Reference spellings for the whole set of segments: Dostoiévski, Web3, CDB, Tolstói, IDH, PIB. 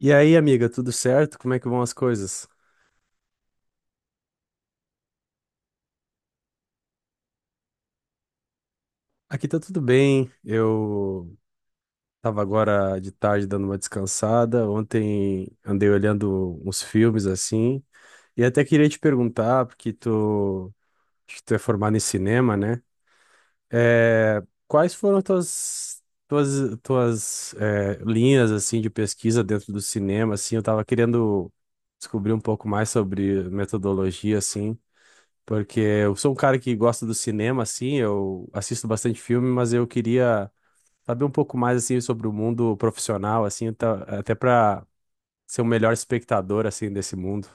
E aí, amiga, tudo certo? Como é que vão as coisas? Aqui tá tudo bem. Eu tava agora de tarde dando uma descansada. Ontem andei olhando uns filmes assim. E até queria te perguntar, porque tu, acho que tu é formado em cinema, né? É, quais foram tuas linhas assim de pesquisa dentro do cinema? Assim, eu tava querendo descobrir um pouco mais sobre metodologia assim. Porque eu sou um cara que gosta do cinema, assim, eu assisto bastante filme, mas eu queria saber um pouco mais, assim, sobre o mundo profissional, assim, até para ser o melhor espectador, assim, desse mundo.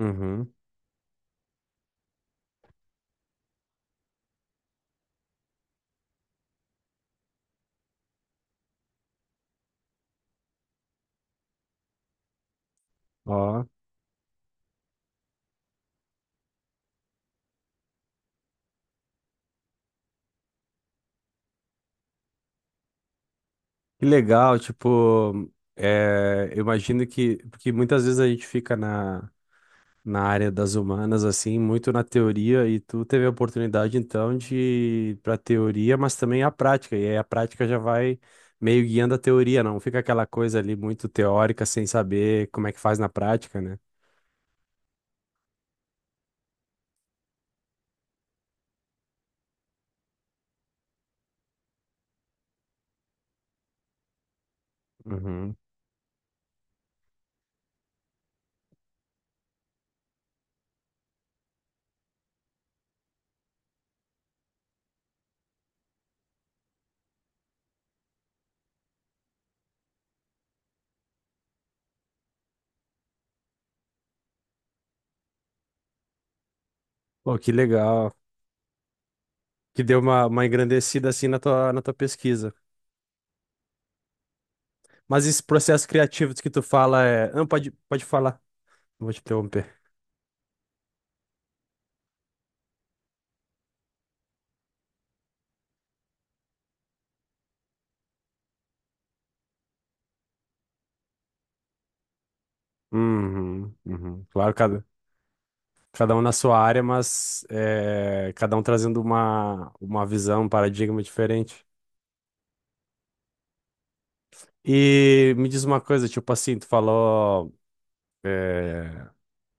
Uhum. Ó, que legal, tipo, é, eu imagino que, porque muitas vezes a gente fica na área das humanas, assim, muito na teoria, e tu teve a oportunidade, então, de ir pra teoria, mas também a prática, e aí a prática já vai meio guiando a teoria, não fica aquela coisa ali muito teórica, sem saber como é que faz na prática, né? Uhum. Pô, que legal, que deu uma engrandecida, assim, na tua pesquisa. Mas esse processo criativo que tu fala é... Não, pode falar, não vou te interromper. Uhum, uhum. Claro, cada um na sua área, mas é, cada um trazendo uma visão, um paradigma diferente. E me diz uma coisa, tipo assim, tu falou, é,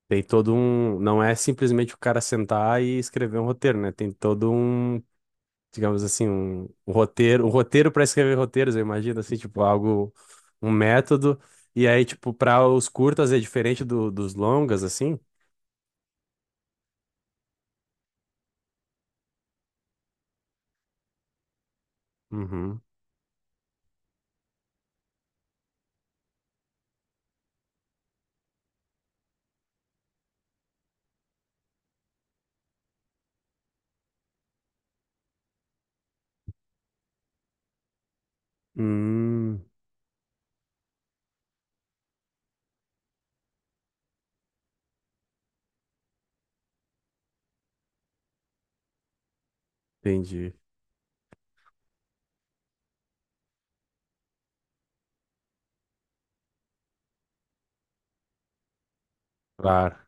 tem todo um, não é simplesmente o cara sentar e escrever um roteiro, né? Tem todo um, digamos assim, um roteiro para escrever roteiros, eu imagino assim, tipo algo, um método. E aí, tipo, para os curtas é diferente dos longas, assim? Uhum. Hum, entendi. Claro.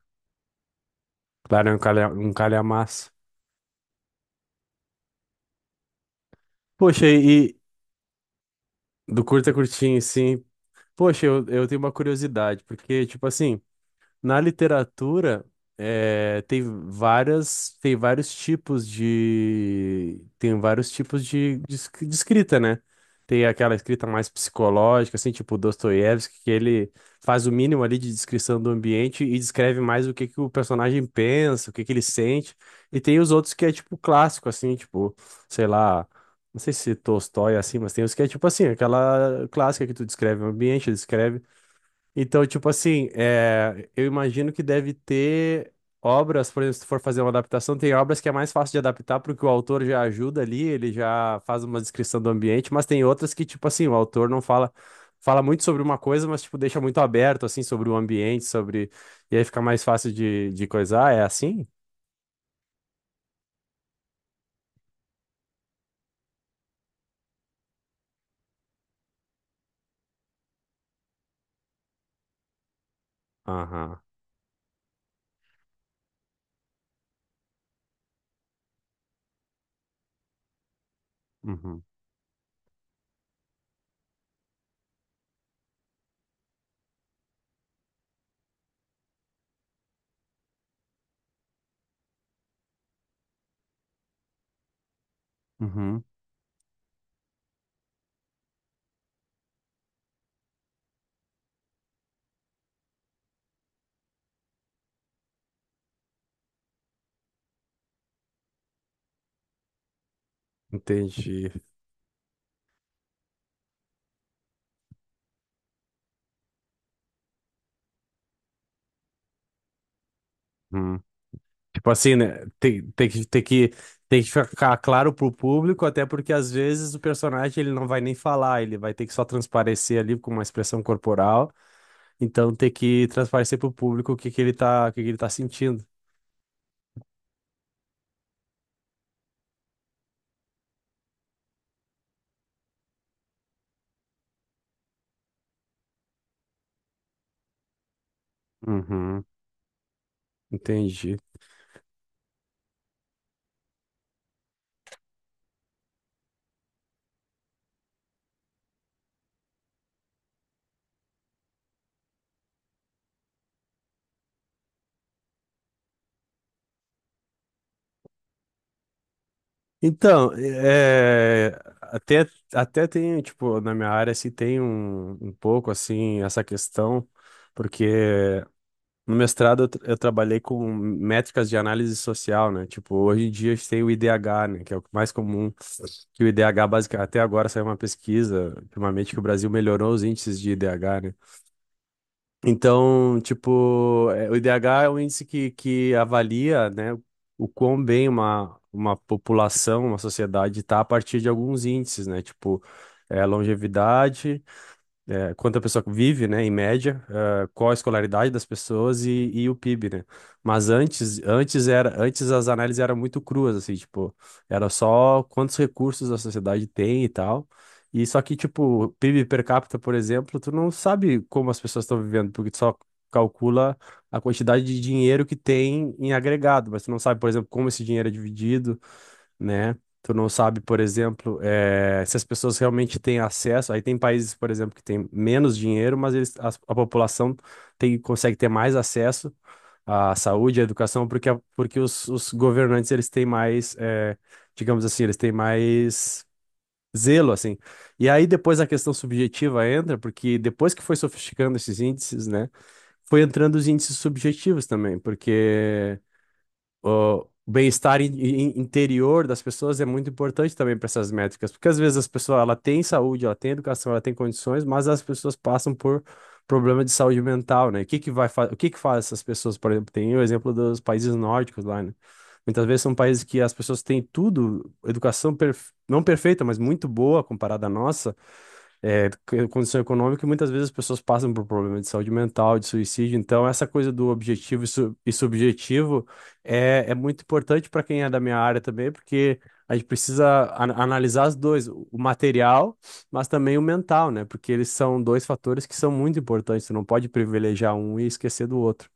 Claro, é um calha, um calhamaço. Poxa, e do curto a curtinho, sim. Poxa, eu tenho uma curiosidade, porque, tipo assim, na literatura, tem várias, tem vários tipos de, tem vários tipos de, de escrita, né? Tem aquela escrita mais psicológica, assim, tipo Dostoiévski, que ele faz o mínimo ali de descrição do ambiente e descreve mais o que que o personagem pensa, o que que ele sente. E tem os outros que é tipo clássico, assim, tipo, sei lá, não sei se Tolstói é assim, mas tem os que é tipo assim, aquela clássica que tu descreve o ambiente, descreve então, tipo assim, é, eu imagino que deve ter obras, por exemplo, se tu for fazer uma adaptação, tem obras que é mais fácil de adaptar porque o autor já ajuda ali, ele já faz uma descrição do ambiente, mas tem outras que, tipo assim, o autor não fala, fala muito sobre uma coisa, mas, tipo, deixa muito aberto, assim, sobre o ambiente, sobre... E aí fica mais fácil de coisar, é assim? Aham. Uhum. Uhum. Entendi. Tipo assim, né? Tem, tem que ficar claro pro público, até porque às vezes o personagem ele não vai nem falar, ele vai ter que só transparecer ali com uma expressão corporal. Então tem que transparecer pro público o que que ele tá, o que que ele tá sentindo. Uhum, entendi. Então, é, até, até tem, tipo, na minha área, se tem um, um pouco, assim, essa questão, porque no mestrado, eu trabalhei com métricas de análise social, né? Tipo, hoje em dia a gente tem o IDH, né? Que é o mais comum. Que o IDH, basicamente, até agora saiu uma pesquisa, ultimamente, que o Brasil melhorou os índices de IDH, né? Então, tipo, é, o IDH é um índice que avalia, né, o quão bem uma população, uma sociedade está a partir de alguns índices, né? Tipo, é, longevidade é, quanto a pessoa vive, né, em média, ah, qual a escolaridade das pessoas e o PIB, né? Mas antes, antes era, antes as análises eram muito cruas, assim, tipo, era só quantos recursos a sociedade tem e tal. E só que, tipo, PIB per capita, por exemplo, tu não sabe como as pessoas estão vivendo, porque tu só calcula a quantidade de dinheiro que tem em agregado, mas tu não sabe, por exemplo, como esse dinheiro é dividido, né? Tu não sabe, por exemplo, se as pessoas realmente têm acesso. Aí tem países, por exemplo, que têm menos dinheiro, mas eles, população tem, consegue ter mais acesso à saúde, à educação, porque, porque os governantes eles têm mais, digamos assim, eles têm mais zelo, assim. E aí depois a questão subjetiva entra, porque depois que foi sofisticando esses índices, né? Foi entrando os índices subjetivos também, porque o bem-estar interior das pessoas é muito importante também para essas métricas, porque às vezes as pessoas ela tem saúde, ela tem educação, ela tem condições, mas as pessoas passam por problema de saúde mental, né? O que que vai o que que faz essas pessoas, por exemplo, tem o exemplo dos países nórdicos lá, né? Muitas vezes são países que as pessoas têm tudo, educação não perfeita, mas muito boa comparada à nossa, é, condição econômica e muitas vezes as pessoas passam por problemas de saúde mental, de suicídio. Então, essa coisa do objetivo e subjetivo é, é muito importante para quem é da minha área também, porque a gente precisa analisar os dois, o material, mas também o mental, né? Porque eles são dois fatores que são muito importantes. Você não pode privilegiar um e esquecer do outro.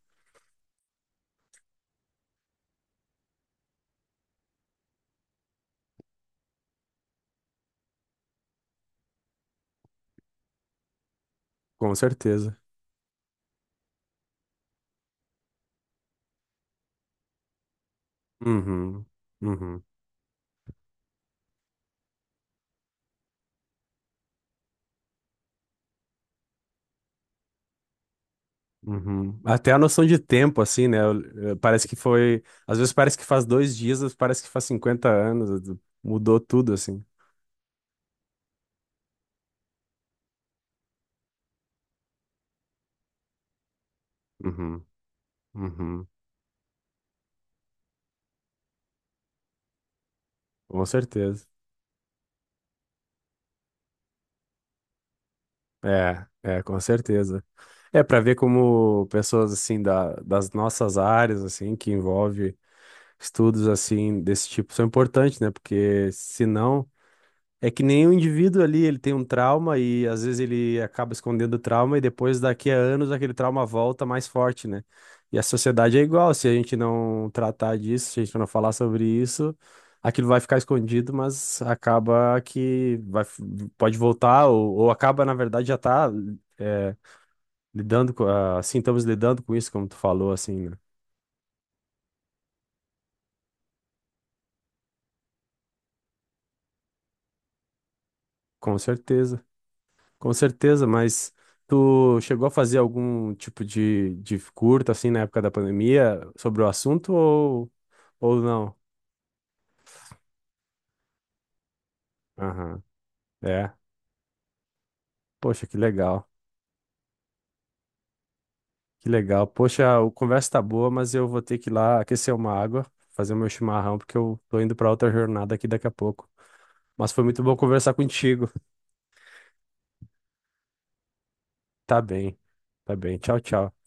Com certeza. Uhum. Uhum. Uhum. Até a noção de tempo, assim, né? Parece que foi. Às vezes parece que faz dois dias, às vezes parece que faz 50 anos. Mudou tudo, assim. Uhum. Uhum. Com certeza. É, é, com certeza. É para ver como pessoas, assim, da, das nossas áreas, assim, que envolve estudos, assim, desse tipo, são importantes, né? Porque senão é que nem o indivíduo ali, ele tem um trauma e às vezes ele acaba escondendo o trauma e depois daqui a anos aquele trauma volta mais forte, né? E a sociedade é igual, se a gente não tratar disso, se a gente não falar sobre isso, aquilo vai ficar escondido, mas acaba que vai, pode voltar ou acaba, na verdade, já tá é, lidando com, ah, assim, estamos lidando com isso, como tu falou, assim, né? Com certeza. Com certeza, mas tu chegou a fazer algum tipo de curta assim na época da pandemia sobre o assunto ou não? Aham, é. Poxa, que legal, que legal. Poxa, a conversa tá boa, mas eu vou ter que ir lá aquecer uma água, fazer o meu chimarrão, porque eu tô indo pra outra jornada aqui daqui a pouco. Mas foi muito bom conversar contigo. Tá bem, tá bem. Tchau, tchau.